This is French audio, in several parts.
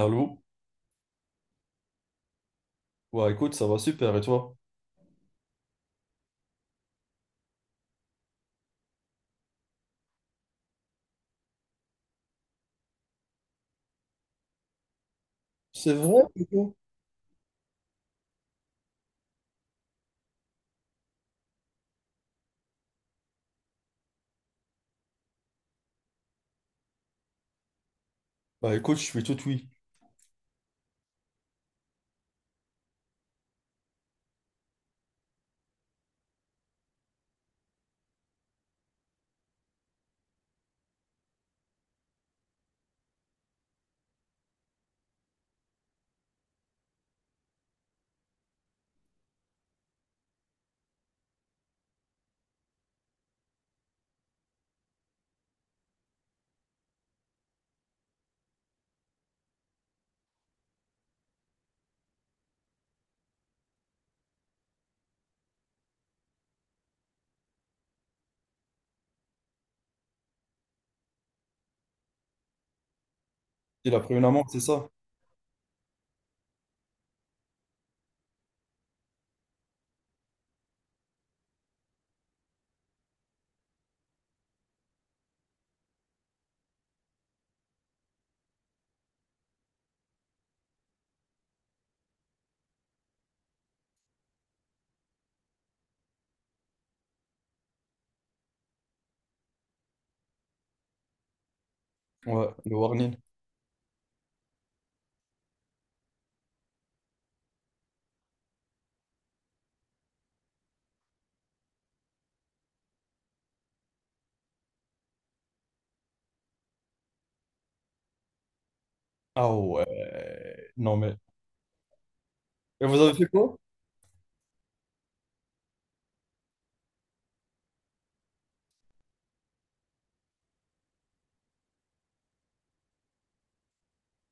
Allô? Ouais, écoute, ça va super, et toi? C'est vrai, plutôt. Bah écoute, je suis tout oui. Il a pris une amende, c'est ça? Ouais, le warning. Ah ouais. Non mais. Et vous avez fait quoi?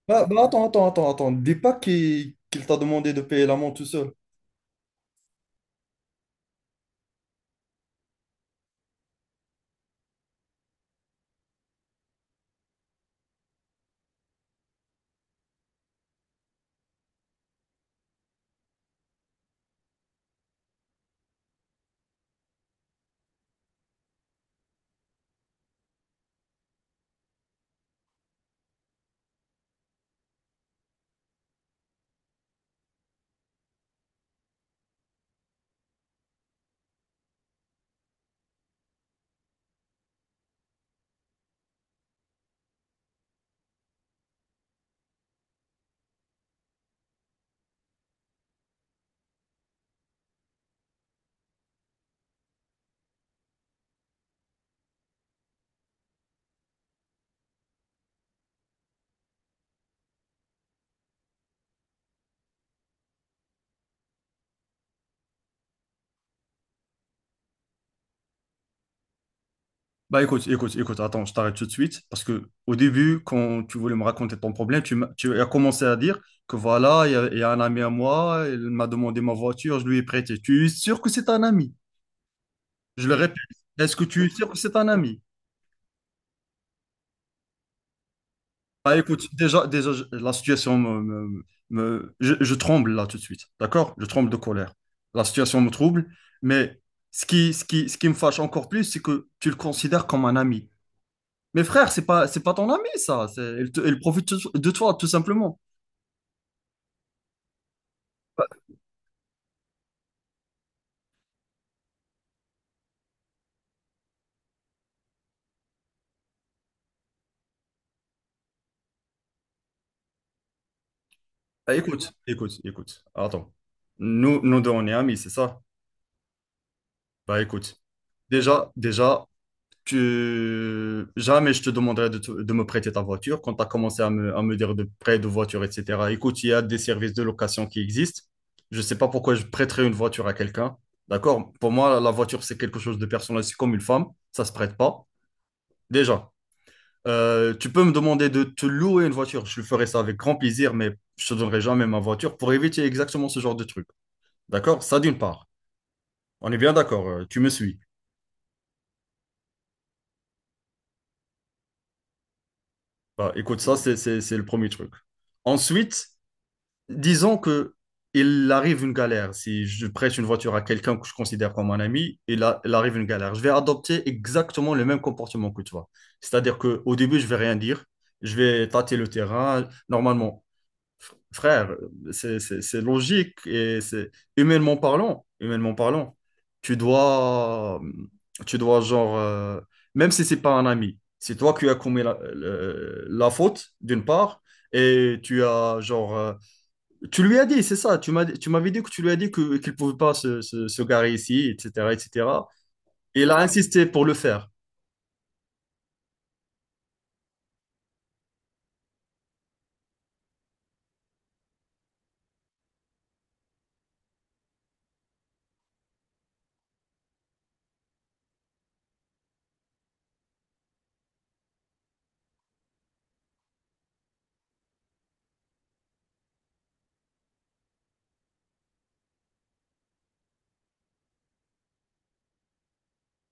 Bah, bah, attends, attends, attends, attends. Dis pas qu'il t'a demandé de payer l'amende tout seul. Bah écoute, écoute, écoute, attends, je t'arrête tout de suite parce que au début, quand tu voulais me raconter ton problème, tu as commencé à dire que voilà, il y a un ami à moi, il m'a demandé ma voiture, je lui ai prêté. Tu es sûr que c'est un ami? Je le répète, est-ce que tu es sûr que c'est un ami? Bah écoute, déjà, déjà la situation me, me- me- je tremble là tout de suite, d'accord? Je tremble de colère. La situation me trouble, mais ce qui me fâche encore plus, c'est que tu le considères comme un ami. Mais frère, c'est pas ton ami, ça. Il profite de toi, tout simplement. Bah, bah, écoute, écoute, écoute. Attends. Nous, nous deux, on est amis, c'est ça? Bah écoute. Déjà, déjà, que jamais je te demanderai de me prêter ta voiture quand tu as commencé à me dire de prêt de voiture, etc. Écoute, il y a des services de location qui existent. Je ne sais pas pourquoi je prêterais une voiture à quelqu'un. D'accord? Pour moi, la voiture, c'est quelque chose de personnel. C'est comme une femme. Ça ne se prête pas. Déjà, tu peux me demander de te louer une voiture. Je ferai ça avec grand plaisir, mais je ne te donnerai jamais ma voiture pour éviter exactement ce genre de truc. D'accord? Ça, d'une part. On est bien d'accord. Tu me suis. Bah, écoute, ça, c'est le premier truc. Ensuite, disons que il arrive une galère. Si je prête une voiture à quelqu'un que je considère comme un ami, il arrive une galère. Je vais adopter exactement le même comportement que toi. C'est-à-dire que au début, je vais rien dire. Je vais tâter le terrain. Normalement, frère, c'est logique et c'est humainement parlant, tu dois, tu dois genre, même si c'est pas un ami, c'est toi qui as commis la faute d'une part et tu as genre tu lui as dit, c'est ça. Tu m'avais dit que tu lui as dit que qu'il pouvait pas se garer ici, etc., etc. Et cetera. Et il a insisté pour le faire.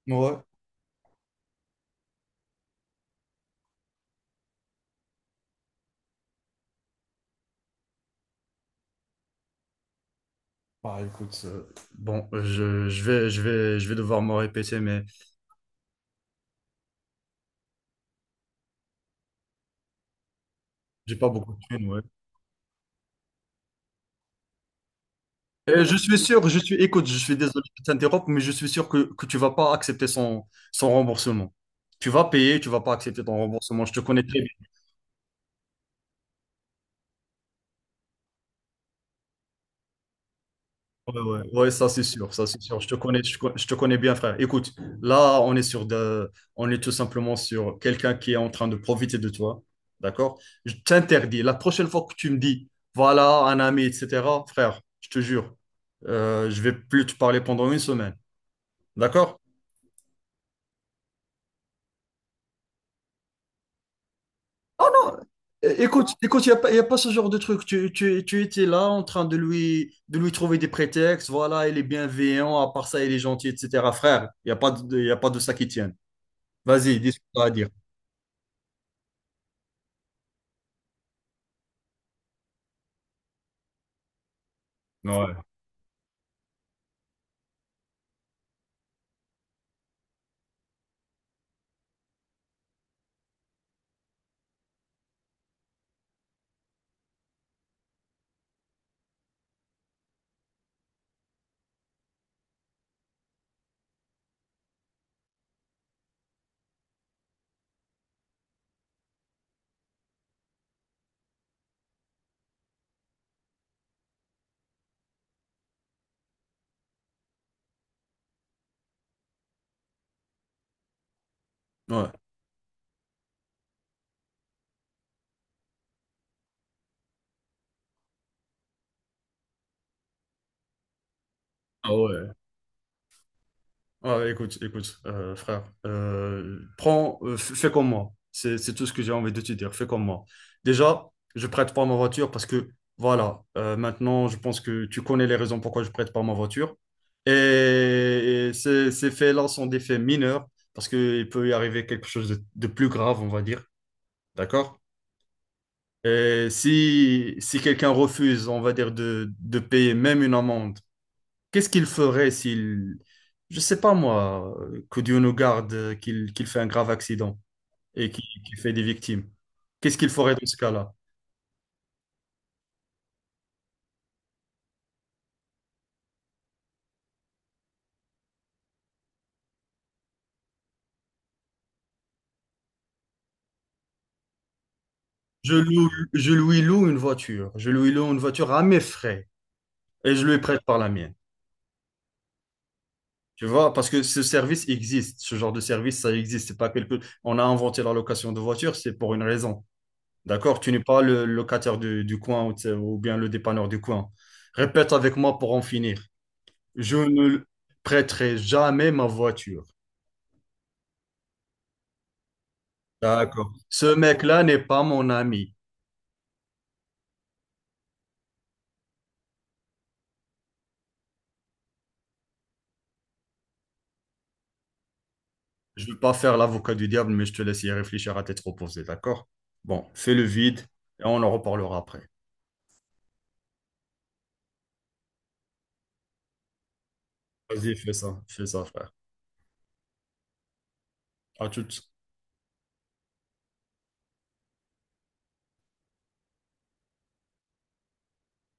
Ouais. Bah écoute, bon, je vais devoir me répéter, mais j'ai pas beaucoup de thunes, ouais. Et je suis sûr, je suis, écoute, je suis désolé de t'interrompre, mais je suis sûr que tu vas pas accepter son, son remboursement. Tu vas payer, tu vas pas accepter ton remboursement. Je te connais très. Ouais, ouais, ouais, ça c'est sûr, ça c'est sûr. Je te connais, je te connais bien, frère. Écoute, là, on est tout simplement sur quelqu'un qui est en train de profiter de toi, d'accord? Je t'interdis. La prochaine fois que tu me dis, voilà, un ami, etc., frère, je te jure, je vais plus te parler pendant une semaine, d'accord? Oh non, écoute, écoute, il n'y a pas, y a pas ce genre de truc. Tu étais là en train de lui trouver des prétextes. Voilà, il est bienveillant, à part ça, il est gentil, etc. Frère, il n'y a pas de, y a pas de ça qui tient. Vas-y, dis ce que t'as à dire. Ouais. Ouais. Ah ouais. Ouais, écoute, écoute, frère. Prends, fais comme moi. C'est tout ce que j'ai envie de te dire. Fais comme moi. Déjà, je prête pas ma voiture parce que voilà, maintenant, je pense que tu connais les raisons pourquoi je prête pas ma voiture. Et ces, ces faits-là sont des faits mineurs parce qu'il peut y arriver quelque chose de plus grave, on va dire. D'accord? Et si, si quelqu'un refuse, on va dire, de payer même une amende, qu'est-ce qu'il ferait s'il, je sais pas moi, que Dieu nous garde, qu'il fait un grave accident et qu'il fait des victimes? Qu'est-ce qu'il ferait dans ce cas-là? Je lui loue une voiture. Je lui loue une voiture à mes frais et je lui prête par la mienne. Tu vois, parce que ce service existe, ce genre de service, ça existe. C'est pas quelque... On a inventé la location de voiture, c'est pour une raison. D'accord? Tu n'es pas le locataire du coin ou, tu sais, ou bien le dépanneur du coin. Répète avec moi pour en finir. Je ne prêterai jamais ma voiture. D'accord. Ce mec-là n'est pas mon ami. Je ne veux pas faire l'avocat du diable, mais je te laisse y réfléchir à tête reposée, d'accord? Bon, fais le vide et on en reparlera après. Vas-y, fais ça, frère. À toutes.